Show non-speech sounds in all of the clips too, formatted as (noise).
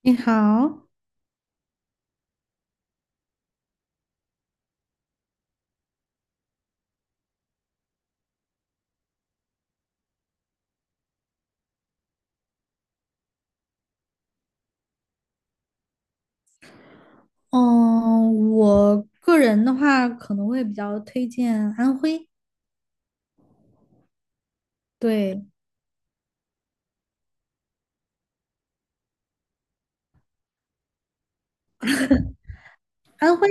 你好，嗯，我个人的话，可能会比较推荐安徽。对，安徽，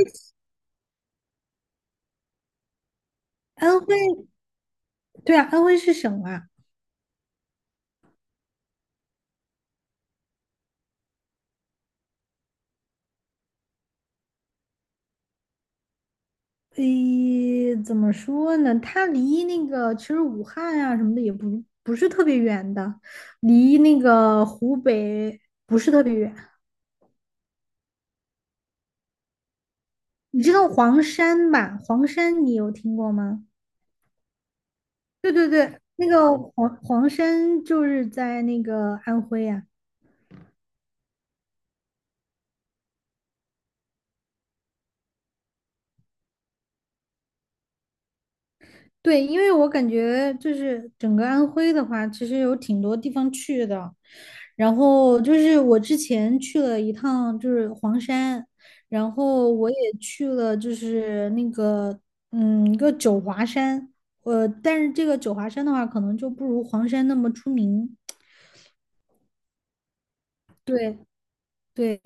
安徽，对啊，安徽是省啊。诶，怎么说呢？它离那个其实武汉啊什么的也不是特别远的，离那个湖北不是特别远。你知道黄山吧？黄山你有听过吗？对对对，那个黄山就是在那个安徽啊。对，因为我感觉就是整个安徽的话，其实有挺多地方去的。然后就是我之前去了一趟，就是黄山，然后我也去了，就是那个一个九华山。但是这个九华山的话，可能就不如黄山那么出名。对对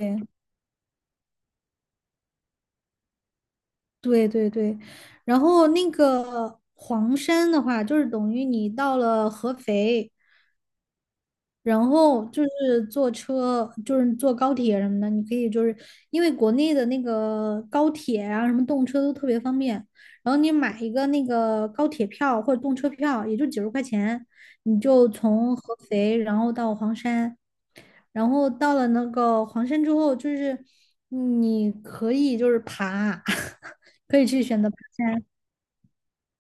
对对对，然后那个黄山的话，就是等于你到了合肥，然后就是坐车，就是坐高铁什么的，你可以就是因为国内的那个高铁啊，什么动车都特别方便。然后你买一个那个高铁票或者动车票，也就几十块钱，你就从合肥然后到黄山，然后到了那个黄山之后，就是你可以就是爬，(laughs) 可以去选择爬山。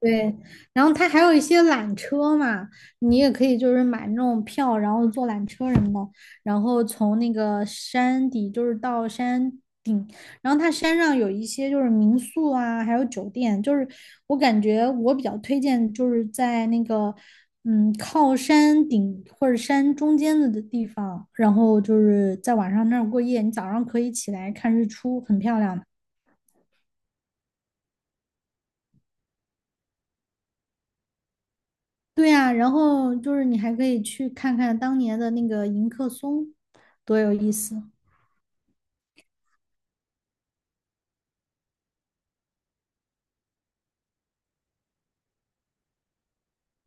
对，然后它还有一些缆车嘛，你也可以就是买那种票，然后坐缆车什么的，然后从那个山底就是到山，然后它山上有一些就是民宿啊，还有酒店，就是我感觉我比较推荐就是在那个靠山顶或者山中间的地方，然后就是在晚上那儿过夜，你早上可以起来看日出，很漂亮的。对呀，然后就是你还可以去看看当年的那个迎客松，多有意思。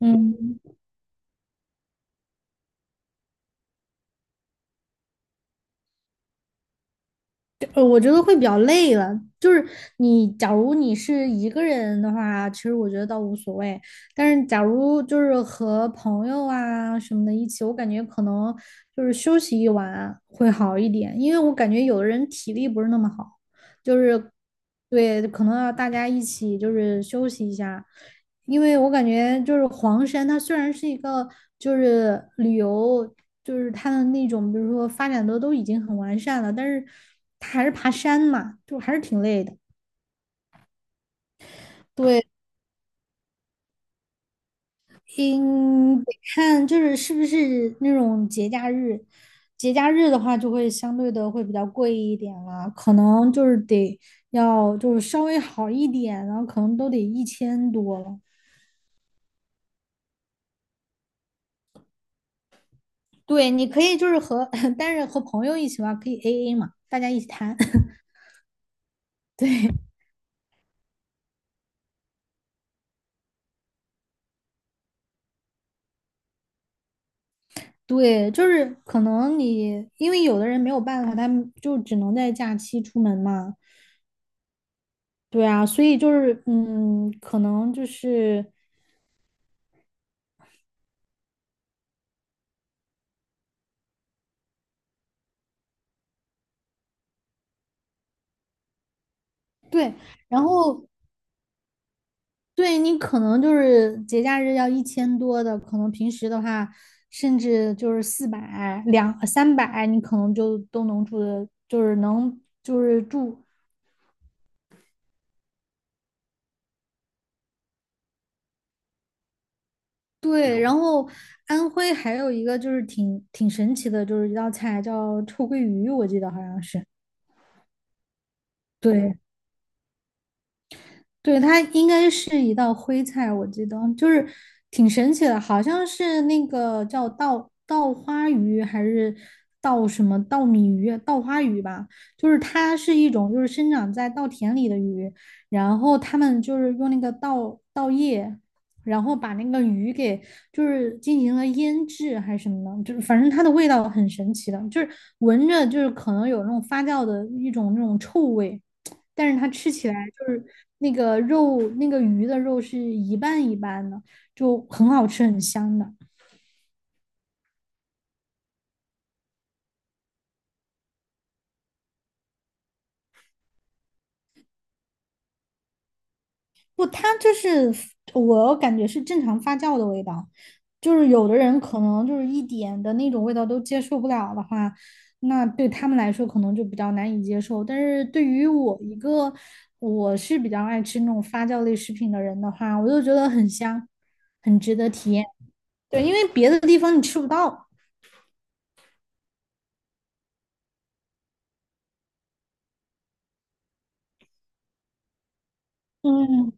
嗯，我觉得会比较累了。就是你，假如你是一个人的话，其实我觉得倒无所谓。但是假如就是和朋友啊什么的一起，我感觉可能就是休息一晚会好一点，因为我感觉有的人体力不是那么好。就是对，可能要大家一起就是休息一下，因为我感觉就是黄山，它虽然是一个就是旅游，就是它的那种，比如说发展的都已经很完善了，但是它还是爬山嘛，就还是挺累的。对，嗯，得看就是是不是那种节假日，节假日的话就会相对的会比较贵一点了，可能就是得要就是稍微好一点，然后可能都得一千多了。对，你可以就是和，(laughs) 但是和朋友一起玩可以 AA 嘛，大家一起摊。(laughs) 对，就是可能你因为有的人没有办法，他们就只能在假期出门嘛。对啊，所以就是可能就是对，然后对你可能就是节假日要一千多的，可能平时的话甚至就是400、两三百，你可能就都能住的，就是能就是住这对，种然后安徽还有一个就是挺神奇的，就是一道菜叫臭鳜鱼，我记得好像是。对，对，它应该是一道徽菜，我记得就是挺神奇的，好像是那个叫稻花鱼还是稻什么稻米鱼、稻花鱼吧，就是它是一种就是生长在稻田里的鱼，然后他们就是用那个稻叶，然后把那个鱼给就是进行了腌制还是什么的，就是反正它的味道很神奇的，就是闻着就是可能有那种发酵的一种那种臭味。但是它吃起来就是那个肉，那个鱼的肉是一半一半的，就很好吃，很香的。不，它就是我感觉是正常发酵的味道，就是有的人可能就是一点的那种味道都接受不了的话，那对他们来说可能就比较难以接受。但是对于我一个我是比较爱吃那种发酵类食品的人的话，我就觉得很香，很值得体验。对，因为别的地方你吃不到。嗯，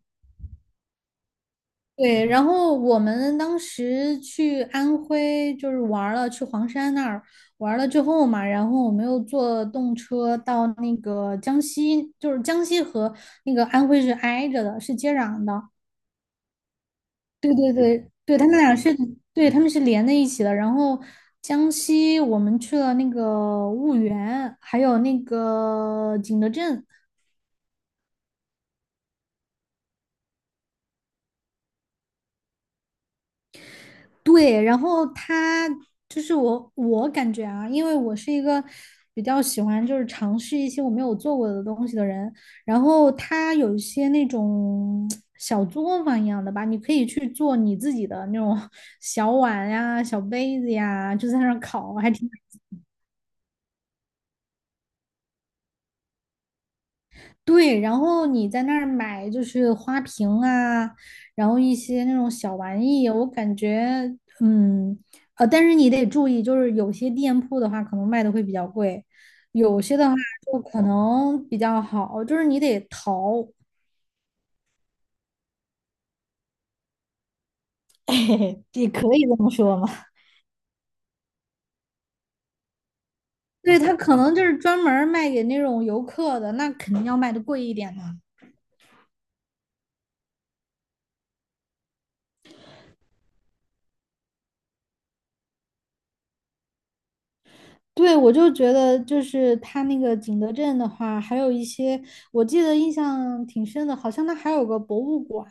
对，然后我们当时去安徽就是玩儿了，去黄山那儿玩儿了之后嘛，然后我们又坐动车到那个江西，就是江西和那个安徽是挨着的，是接壤的。对对对，对，他们俩是，对，他们是连在一起的。然后江西我们去了那个婺源，还有那个景德镇。对，然后他就是我感觉啊，因为我是一个比较喜欢就是尝试一些我没有做过的东西的人，然后他有一些那种小作坊一样的吧，你可以去做你自己的那种 (laughs) 小碗呀、小杯子呀，就在那儿烤，还挺。对，然后你在那儿买就是花瓶啊，然后一些那种小玩意，我感觉，但是你得注意，就是有些店铺的话，可能卖的会比较贵，有些的话就可能比较好，就是你得淘，(laughs) 也可以这么说嘛。对，他可能就是专门儿卖给那种游客的，那肯定要卖的贵一点的。对，我就觉得就是他那个景德镇的话，还有一些我记得印象挺深的，好像他还有个博物馆。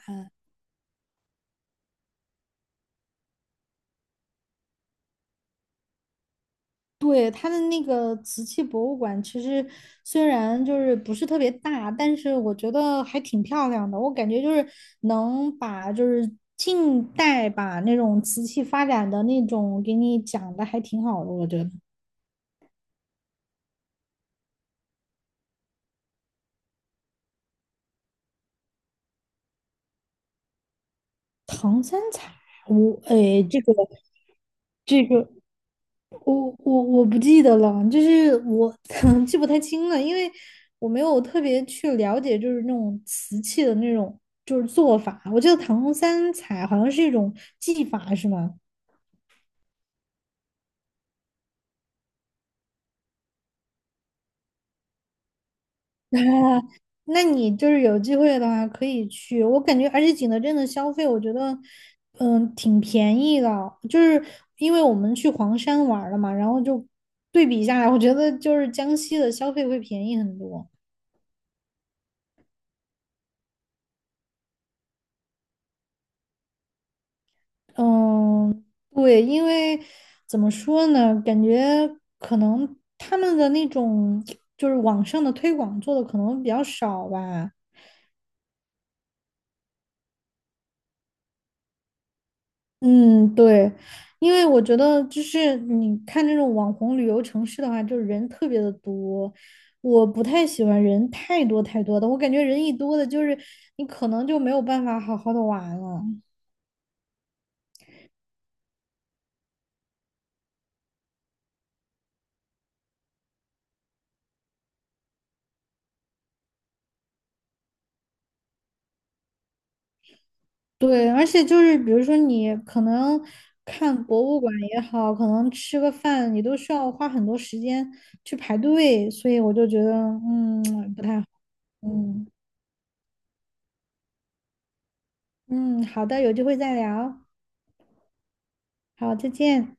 对，他的那个瓷器博物馆，其实虽然就是不是特别大，但是我觉得还挺漂亮的。我感觉就是能把就是近代吧那种瓷器发展的那种给你讲的还挺好的，我觉得。唐三彩，我哎，这个这个。我不记得了，就是我 (laughs) 记不太清了，因为我没有特别去了解，就是那种瓷器的那种就是做法。我记得唐红三彩好像是一种技法，是吗？那你就是有机会的话可以去，我感觉而且景德镇的消费，我觉得挺便宜的，就是因为我们去黄山玩儿了嘛，然后就对比下来，我觉得就是江西的消费会便宜很多。嗯，对，因为怎么说呢，感觉可能他们的那种就是网上的推广做的可能比较少吧。嗯，对，因为我觉得就是你看这种网红旅游城市的话，就是人特别的多，我不太喜欢人太多太多的，我感觉人一多的，就是你可能就没有办法好好的玩了。对，而且就是比如说你可能看博物馆也好，可能吃个饭，你都需要花很多时间去排队，所以我就觉得，不太好。嗯嗯，好的，有机会再聊。好，再见。